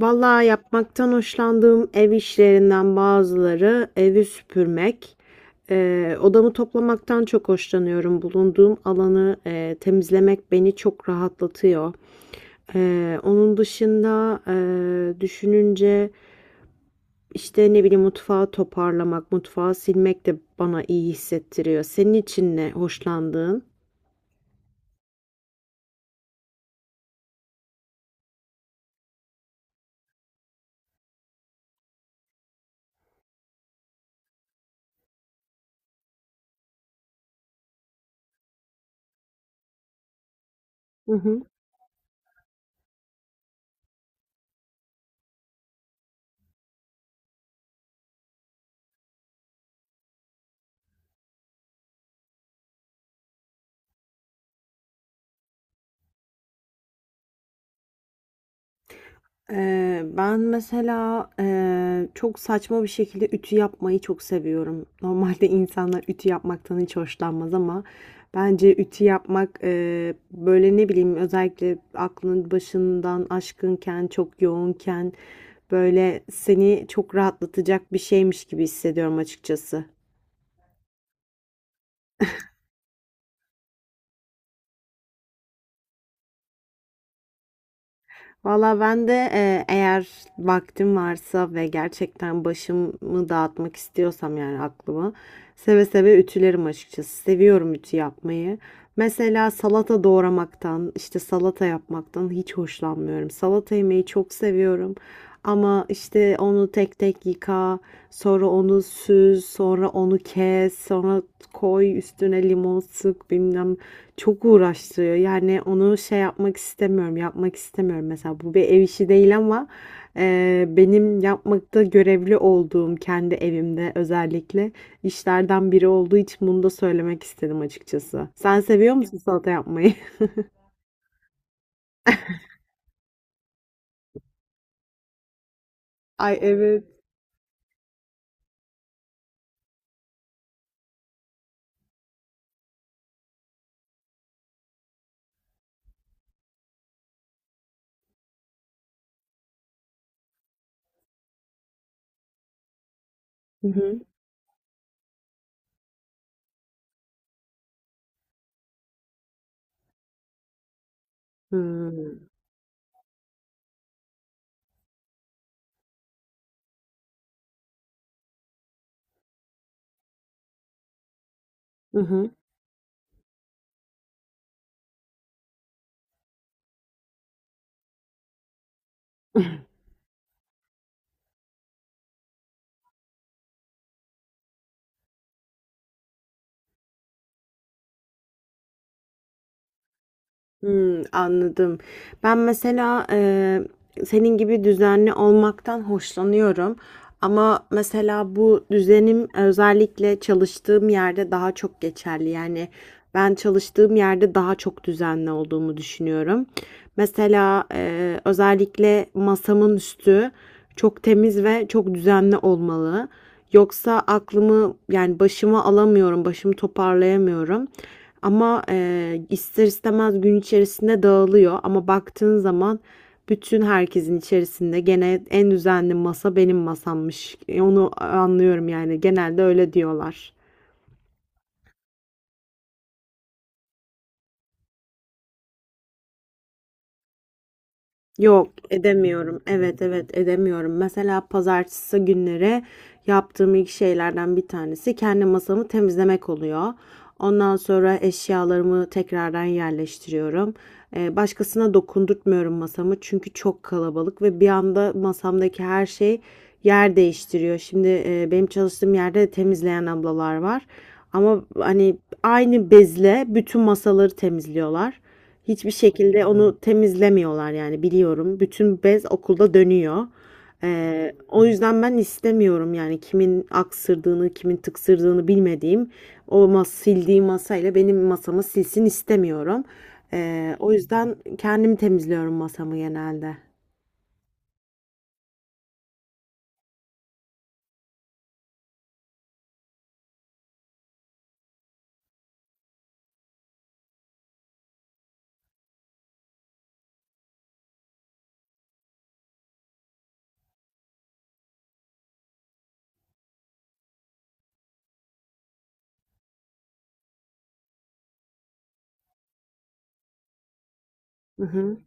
Vallahi yapmaktan hoşlandığım ev işlerinden bazıları evi süpürmek, odamı toplamaktan çok hoşlanıyorum. Bulunduğum alanı temizlemek beni çok rahatlatıyor. Onun dışında düşününce işte ne bileyim mutfağı toparlamak, mutfağı silmek de bana iyi hissettiriyor. Senin için ne hoşlandığın? Hı hı. Ben mesela, çok saçma bir şekilde ütü yapmayı çok seviyorum. Normalde insanlar ütü yapmaktan hiç hoşlanmaz ama bence ütü yapmak, böyle, ne bileyim, özellikle aklın başından aşkınken, çok yoğunken, böyle, seni çok rahatlatacak bir şeymiş gibi hissediyorum açıkçası. Valla ben de eğer vaktim varsa ve gerçekten başımı dağıtmak istiyorsam yani aklımı seve seve ütülerim açıkçası. Seviyorum ütü yapmayı. Mesela salata doğramaktan, işte salata yapmaktan hiç hoşlanmıyorum. Salata yemeyi çok seviyorum. Ama işte onu tek tek yıka, sonra onu süz, sonra onu kes, sonra koy üstüne limon sık bilmem çok uğraştırıyor. Yani onu şey yapmak istemiyorum, yapmak istemiyorum. Mesela bu bir ev işi değil ama benim yapmakta görevli olduğum kendi evimde özellikle işlerden biri olduğu için bunu da söylemek istedim açıkçası. Sen seviyor musun salata yapmayı? Ay evet. Hı hı. Hı. Hı hı. Hmm, anladım. Ben mesela senin gibi düzenli olmaktan hoşlanıyorum. Ama mesela bu düzenim özellikle çalıştığım yerde daha çok geçerli. Yani ben çalıştığım yerde daha çok düzenli olduğumu düşünüyorum. Mesela özellikle masamın üstü çok temiz ve çok düzenli olmalı. Yoksa aklımı yani başıma alamıyorum, başımı toparlayamıyorum. Ama ister istemez gün içerisinde dağılıyor ama baktığın zaman bütün herkesin içerisinde gene en düzenli masa benim masammış. Onu anlıyorum yani genelde öyle diyorlar. Yok edemiyorum. Evet, evet, edemiyorum. Mesela pazartesi günleri yaptığım ilk şeylerden bir tanesi kendi masamı temizlemek oluyor. Ondan sonra eşyalarımı tekrardan yerleştiriyorum. Başkasına dokundurtmuyorum masamı çünkü çok kalabalık ve bir anda masamdaki her şey yer değiştiriyor. Şimdi benim çalıştığım yerde de temizleyen ablalar var. Ama hani aynı bezle bütün masaları temizliyorlar. Hiçbir şekilde onu temizlemiyorlar yani biliyorum. Bütün bez okulda dönüyor. O yüzden ben istemiyorum yani kimin aksırdığını, kimin tıksırdığını bilmediğim o sildiği masayla benim masamı silsin istemiyorum. O yüzden kendim temizliyorum masamı genelde. Hı hı,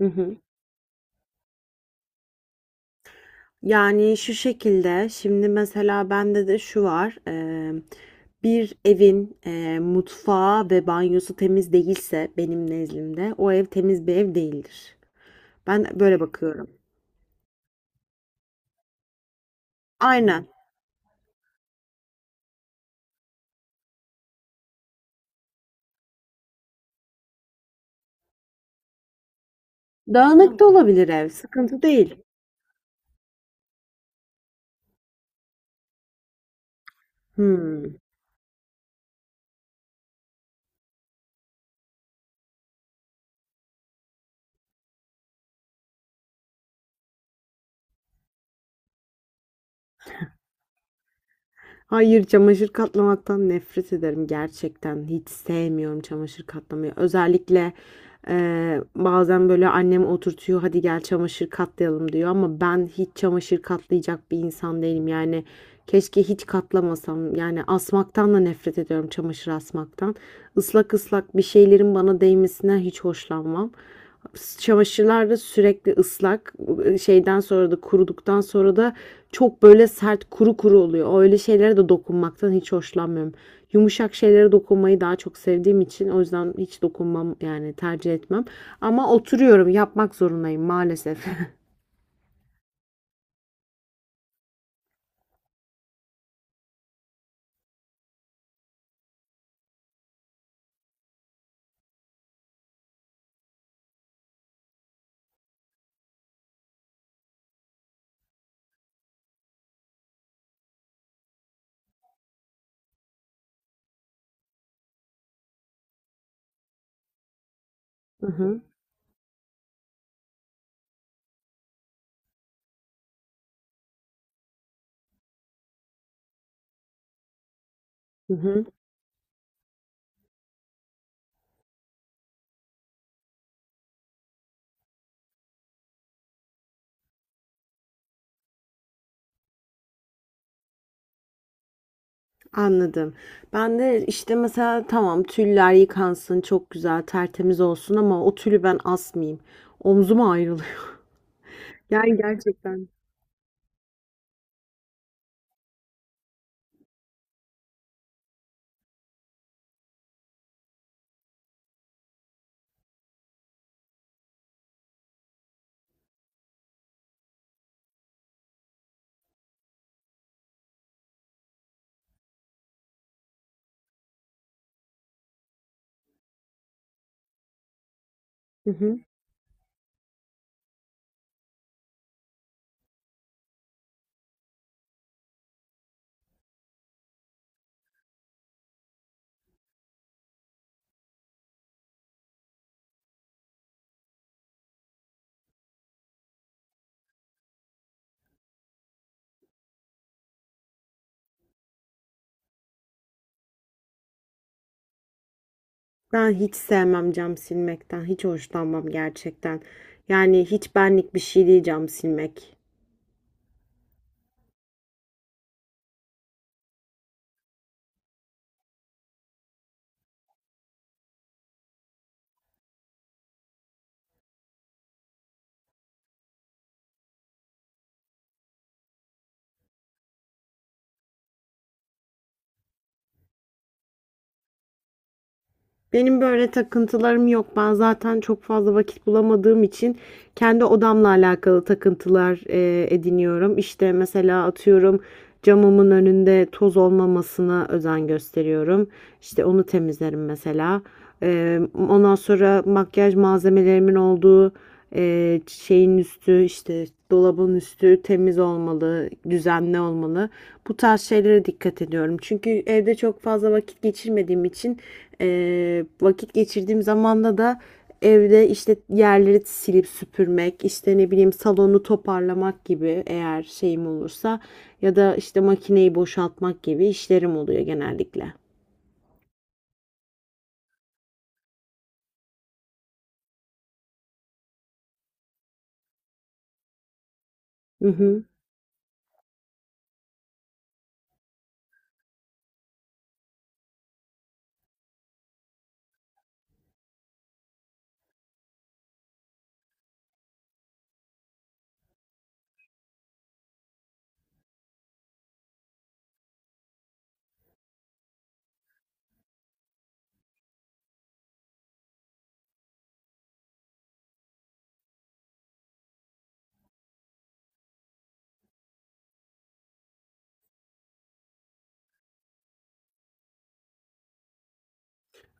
hı hı. Yani şu şekilde şimdi mesela bende de şu var. Bir evin mutfağı ve banyosu temiz değilse benim nezdimde o ev temiz bir ev değildir. Ben böyle bakıyorum. Aynen. Dağınık da olabilir ev, sıkıntı değil. Hmm. Hayır, çamaşır katlamaktan nefret ederim gerçekten. Hiç sevmiyorum çamaşır katlamayı. Özellikle bazen böyle annem oturtuyor, hadi gel çamaşır katlayalım diyor ama ben hiç çamaşır katlayacak bir insan değilim. Yani keşke hiç katlamasam. Yani asmaktan da nefret ediyorum çamaşır asmaktan. Islak ıslak bir şeylerin bana değmesinden hiç hoşlanmam. Çamaşırlar da sürekli ıslak. Şeyden sonra da kuruduktan sonra da çok böyle sert kuru kuru oluyor. Öyle şeylere de dokunmaktan hiç hoşlanmıyorum. Yumuşak şeylere dokunmayı daha çok sevdiğim için o yüzden hiç dokunmam yani tercih etmem. Ama oturuyorum yapmak zorundayım maalesef. Hı hı. Hı hı. Anladım. Ben de işte mesela tamam tüller yıkansın çok güzel tertemiz olsun ama o tülü ben asmayayım. Omzuma ayrılıyor. Yani gerçekten. Hı hı. Ben hiç sevmem cam silmekten. Hiç hoşlanmam gerçekten. Yani hiç benlik bir şey değil cam silmek. Benim böyle takıntılarım yok. Ben zaten çok fazla vakit bulamadığım için kendi odamla alakalı takıntılar ediniyorum. İşte mesela atıyorum camımın önünde toz olmamasına özen gösteriyorum. İşte onu temizlerim mesela. E, Ondan sonra makyaj malzemelerimin olduğu şeyin üstü işte dolabın üstü temiz olmalı, düzenli olmalı. Bu tarz şeylere dikkat ediyorum. Çünkü evde çok fazla vakit geçirmediğim için vakit geçirdiğim zamanda da evde işte yerleri silip süpürmek, işte ne bileyim salonu toparlamak gibi eğer şeyim olursa ya da işte makineyi boşaltmak gibi işlerim oluyor genellikle. Hı hı.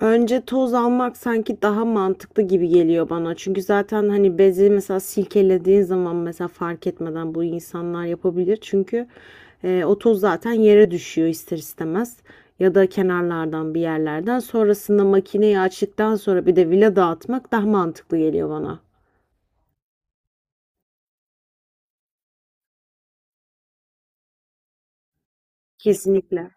Önce toz almak sanki daha mantıklı gibi geliyor bana. Çünkü zaten hani bezi mesela silkelediğin zaman mesela fark etmeden bu insanlar yapabilir. Çünkü o toz zaten yere düşüyor ister istemez. Ya da kenarlardan bir yerlerden. Sonrasında makineyi açtıktan sonra bir de vila dağıtmak daha mantıklı geliyor bana. Kesinlikle.